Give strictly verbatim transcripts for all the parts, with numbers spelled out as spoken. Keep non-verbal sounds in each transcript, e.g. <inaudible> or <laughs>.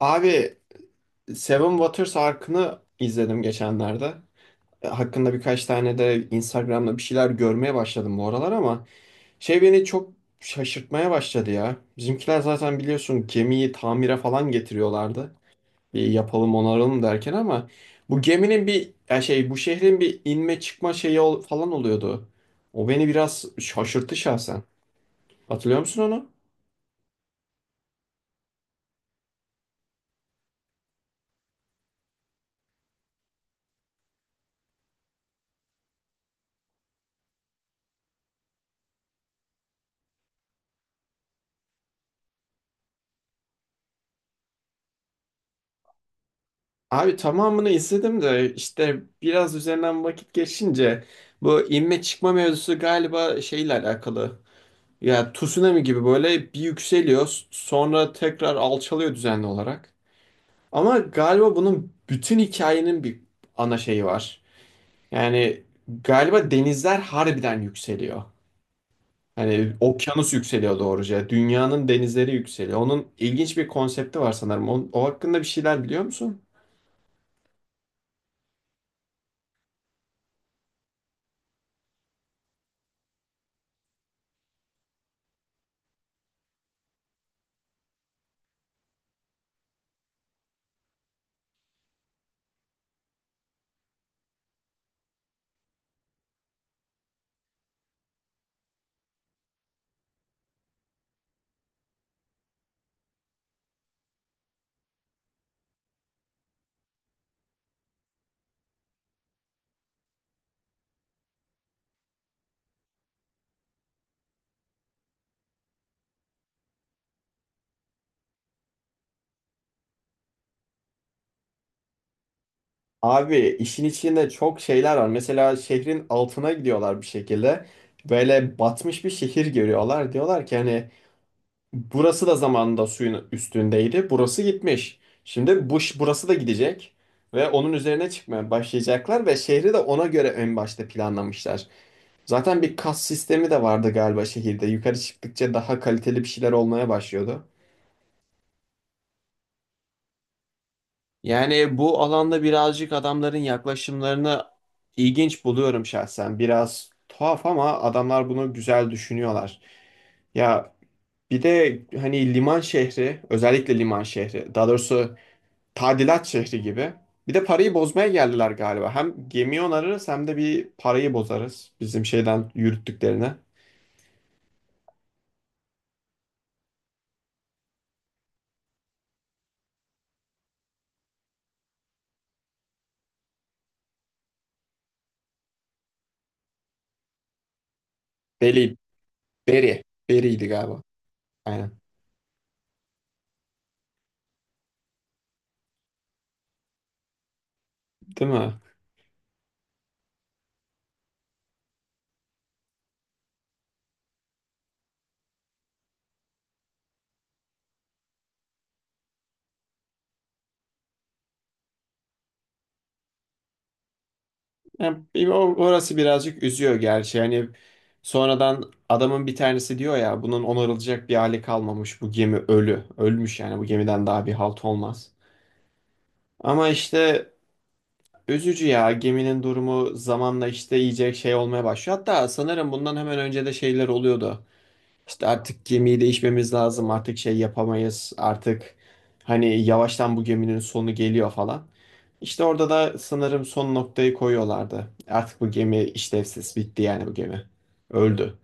Abi Seven Waters Ark'ını izledim geçenlerde. E, hakkında birkaç tane de Instagram'da bir şeyler görmeye başladım bu aralar ama şey beni çok şaşırtmaya başladı ya. Bizimkiler zaten biliyorsun gemiyi tamire falan getiriyorlardı. Bir yapalım onaralım derken ama bu geminin bir ya şey bu şehrin bir inme çıkma şeyi ol- falan oluyordu. O beni biraz şaşırttı şahsen. Hatırlıyor musun onu? Abi tamamını izledim de işte biraz üzerinden vakit geçince bu inme çıkma mevzusu galiba şeyle alakalı. Ya tsunami gibi böyle bir yükseliyor sonra tekrar alçalıyor düzenli olarak. Ama galiba bunun bütün hikayenin bir ana şeyi var. Yani galiba denizler harbiden yükseliyor. Hani okyanus yükseliyor doğruca. Dünyanın denizleri yükseliyor. Onun ilginç bir konsepti var sanırım. O, o hakkında bir şeyler biliyor musun? Abi işin içinde çok şeyler var. Mesela şehrin altına gidiyorlar bir şekilde. Böyle batmış bir şehir görüyorlar. Diyorlar ki hani burası da zamanında suyun üstündeydi. Burası gitmiş. Şimdi bu ş- burası da gidecek ve onun üzerine çıkmaya başlayacaklar ve şehri de ona göre en başta planlamışlar. Zaten bir kas sistemi de vardı galiba şehirde. Yukarı çıktıkça daha kaliteli bir şeyler olmaya başlıyordu. Yani bu alanda birazcık adamların yaklaşımlarını ilginç buluyorum şahsen. Biraz tuhaf ama adamlar bunu güzel düşünüyorlar. Ya bir de hani liman şehri, özellikle liman şehri, daha doğrusu tadilat şehri gibi. Bir de parayı bozmaya geldiler galiba. Hem gemi onarırız hem de bir parayı bozarız bizim şeyden yürüttüklerine. Beri, Beri, Beri'ydi galiba. Aynen. Değil mi? Yani bir- o- orası birazcık üzüyor gerçi. Yani sonradan adamın bir tanesi diyor ya bunun onarılacak bir hali kalmamış. Bu gemi ölü. Ölmüş yani bu gemiden daha bir halt olmaz. Ama işte üzücü ya geminin durumu zamanla işte iyice şey olmaya başlıyor. Hatta sanırım bundan hemen önce de şeyler oluyordu. İşte artık gemiyi değişmemiz lazım. Artık şey yapamayız. Artık hani yavaştan bu geminin sonu geliyor falan. İşte orada da sanırım son noktayı koyuyorlardı. Artık bu gemi işlevsiz bitti yani bu gemi. Öldü.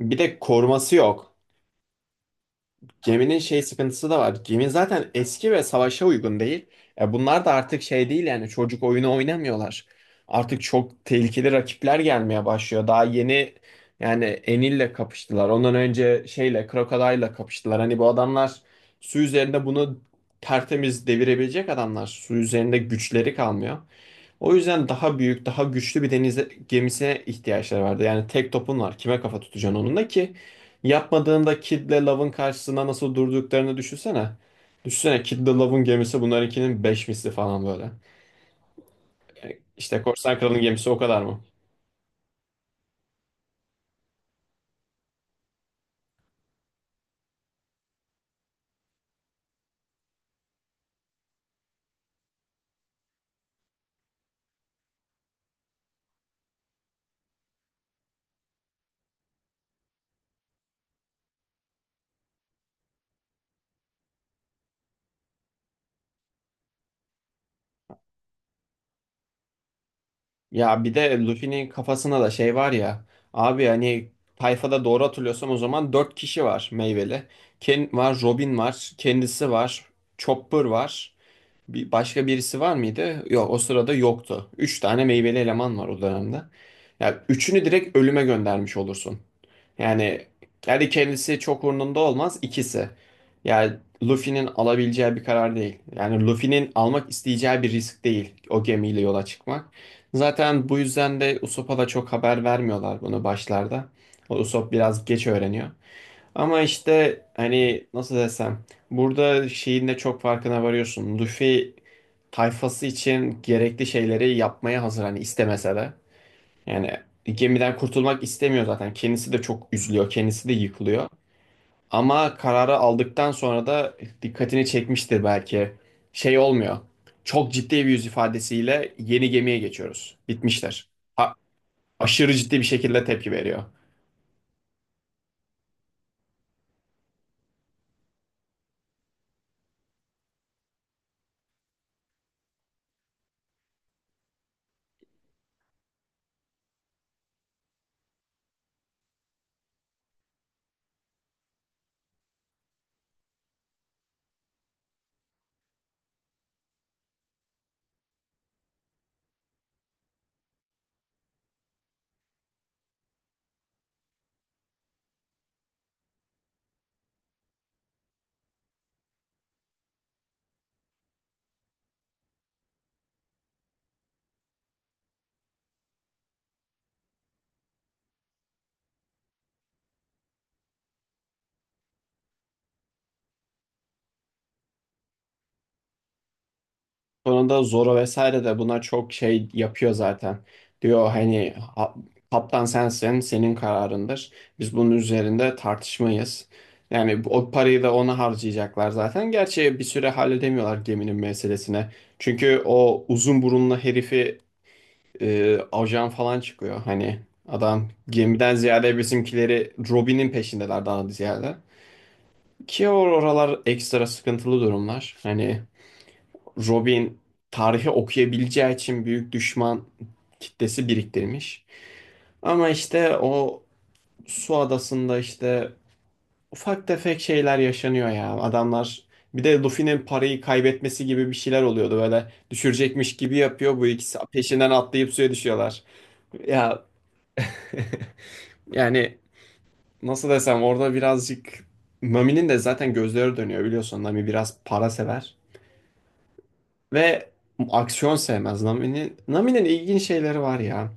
Bir de koruması yok. Geminin şey sıkıntısı da var. Gemi zaten eski ve savaşa uygun değil. E bunlar da artık şey değil yani çocuk oyunu oynamıyorlar. Artık çok tehlikeli rakipler gelmeye başlıyor. Daha yeni yani Enil'le kapıştılar. Ondan önce şeyle Crocodile'la kapıştılar. Hani bu adamlar su üzerinde bunu tertemiz devirebilecek adamlar. Su üzerinde güçleri kalmıyor. O yüzden daha büyük, daha güçlü bir deniz gemisine ihtiyaçları vardı. Yani tek topun var. Kime kafa tutacaksın onunla ki? Yapmadığında Kid'le Love'ın karşısında nasıl durduklarını düşünsene. Düşünsene Kid'le Love'ın gemisi bunlarınkinin beş misli falan böyle. İşte Korsan Kral'ın gemisi o kadar mı? Ya bir de Luffy'nin kafasında da şey var ya. Abi hani tayfada doğru hatırlıyorsam o zaman dört kişi var meyveli. Ken var, Robin var, kendisi var, Chopper var. Bir başka birisi var mıydı? Yok o sırada yoktu. Üç tane meyveli eleman var o dönemde. Yani üçünü direkt ölüme göndermiş olursun. Yani kendi kendisi çok umurunda olmaz ikisi. Yani Luffy'nin alabileceği bir karar değil. Yani Luffy'nin almak isteyeceği bir risk değil o gemiyle yola çıkmak. Zaten bu yüzden de Usopp'a da çok haber vermiyorlar bunu başlarda. O Usopp biraz geç öğreniyor. Ama işte hani nasıl desem burada şeyin de çok farkına varıyorsun. Luffy tayfası için gerekli şeyleri yapmaya hazır hani istemese de. Yani gemiden kurtulmak istemiyor zaten. Kendisi de çok üzülüyor. Kendisi de yıkılıyor. Ama kararı aldıktan sonra da dikkatini çekmiştir belki. Şey olmuyor. Çok ciddi bir yüz ifadesiyle yeni gemiye geçiyoruz. Bitmişler. A- Aşırı ciddi bir şekilde tepki veriyor. Sonunda Zoro vesaire de buna çok şey yapıyor zaten. Diyor hani, "Ha- kaptan sensin, senin kararındır. Biz bunun üzerinde tartışmayız." Yani bu- o parayı da ona harcayacaklar zaten. Gerçi bir süre halledemiyorlar geminin meselesine. Çünkü o uzun burunlu herifi e, ajan falan çıkıyor. Hani adam gemiden ziyade bizimkileri Robin'in peşindeler daha ziyade. Ki or- oralar ekstra sıkıntılı durumlar. Hani Robin tarihi okuyabileceği için büyük düşman kitlesi biriktirmiş. Ama işte o su adasında işte ufak tefek şeyler yaşanıyor ya. Adamlar bir de Luffy'nin parayı kaybetmesi gibi bir şeyler oluyordu böyle düşürecekmiş gibi yapıyor bu ikisi peşinden atlayıp suya düşüyorlar. Ya <laughs> yani nasıl desem orada birazcık Mami'nin de zaten gözleri dönüyor biliyorsun. Nami biraz para sever ve aksiyon sevmez. Nami'nin Nami'nin ilginç şeyleri var ya.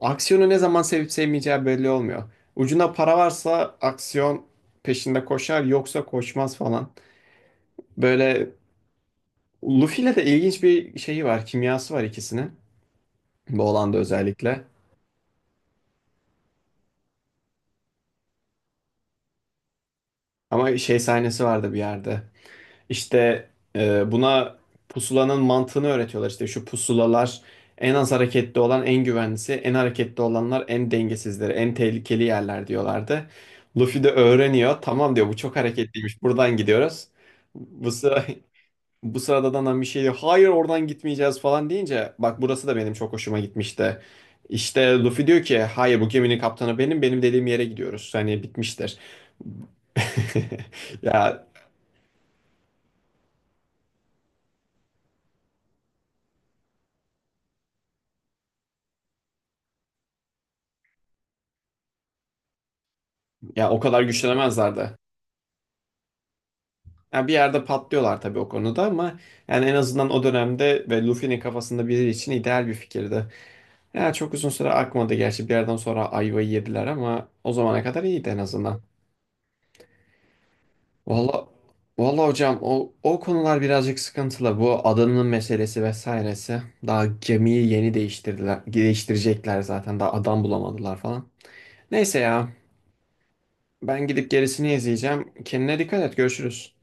Aksiyonu ne zaman sevip sevmeyeceği belli olmuyor. Ucunda para varsa aksiyon peşinde koşar yoksa koşmaz falan. Böyle Luffy'yle de ilginç bir şeyi var, kimyası var ikisinin. Bu olanda özellikle. Ama şey sahnesi vardı bir yerde. İşte e, buna pusulanın mantığını öğretiyorlar. İşte şu pusulalar en az hareketli olan en güvenlisi, en hareketli olanlar en dengesizleri, en tehlikeli yerler diyorlardı. Luffy de öğreniyor. Tamam diyor bu çok hareketliymiş. Buradan gidiyoruz. Bu sıra <laughs> Bu sırada da bir şey diyor. Hayır oradan gitmeyeceğiz falan deyince bak burası da benim çok hoşuma gitmişti. İşte Luffy diyor ki hayır, bu geminin kaptanı benim, benim dediğim yere gidiyoruz. Hani bitmiştir. <laughs> Ya ya o kadar güçlenemezlerdi. Yani bir yerde patlıyorlar tabii o konuda ama yani en azından o dönemde ve Luffy'nin kafasında biri için ideal bir fikirdi. Yani çok uzun süre akmadı gerçi bir yerden sonra ayvayı yediler ama o zamana kadar iyiydi en azından. Valla valla hocam o, o konular birazcık sıkıntılı. Bu adanın meselesi vesairesi. Daha gemiyi yeni değiştirdiler, değiştirecekler zaten. Daha adam bulamadılar falan. Neyse ya ben gidip gerisini izleyeceğim. Kendine dikkat et, görüşürüz.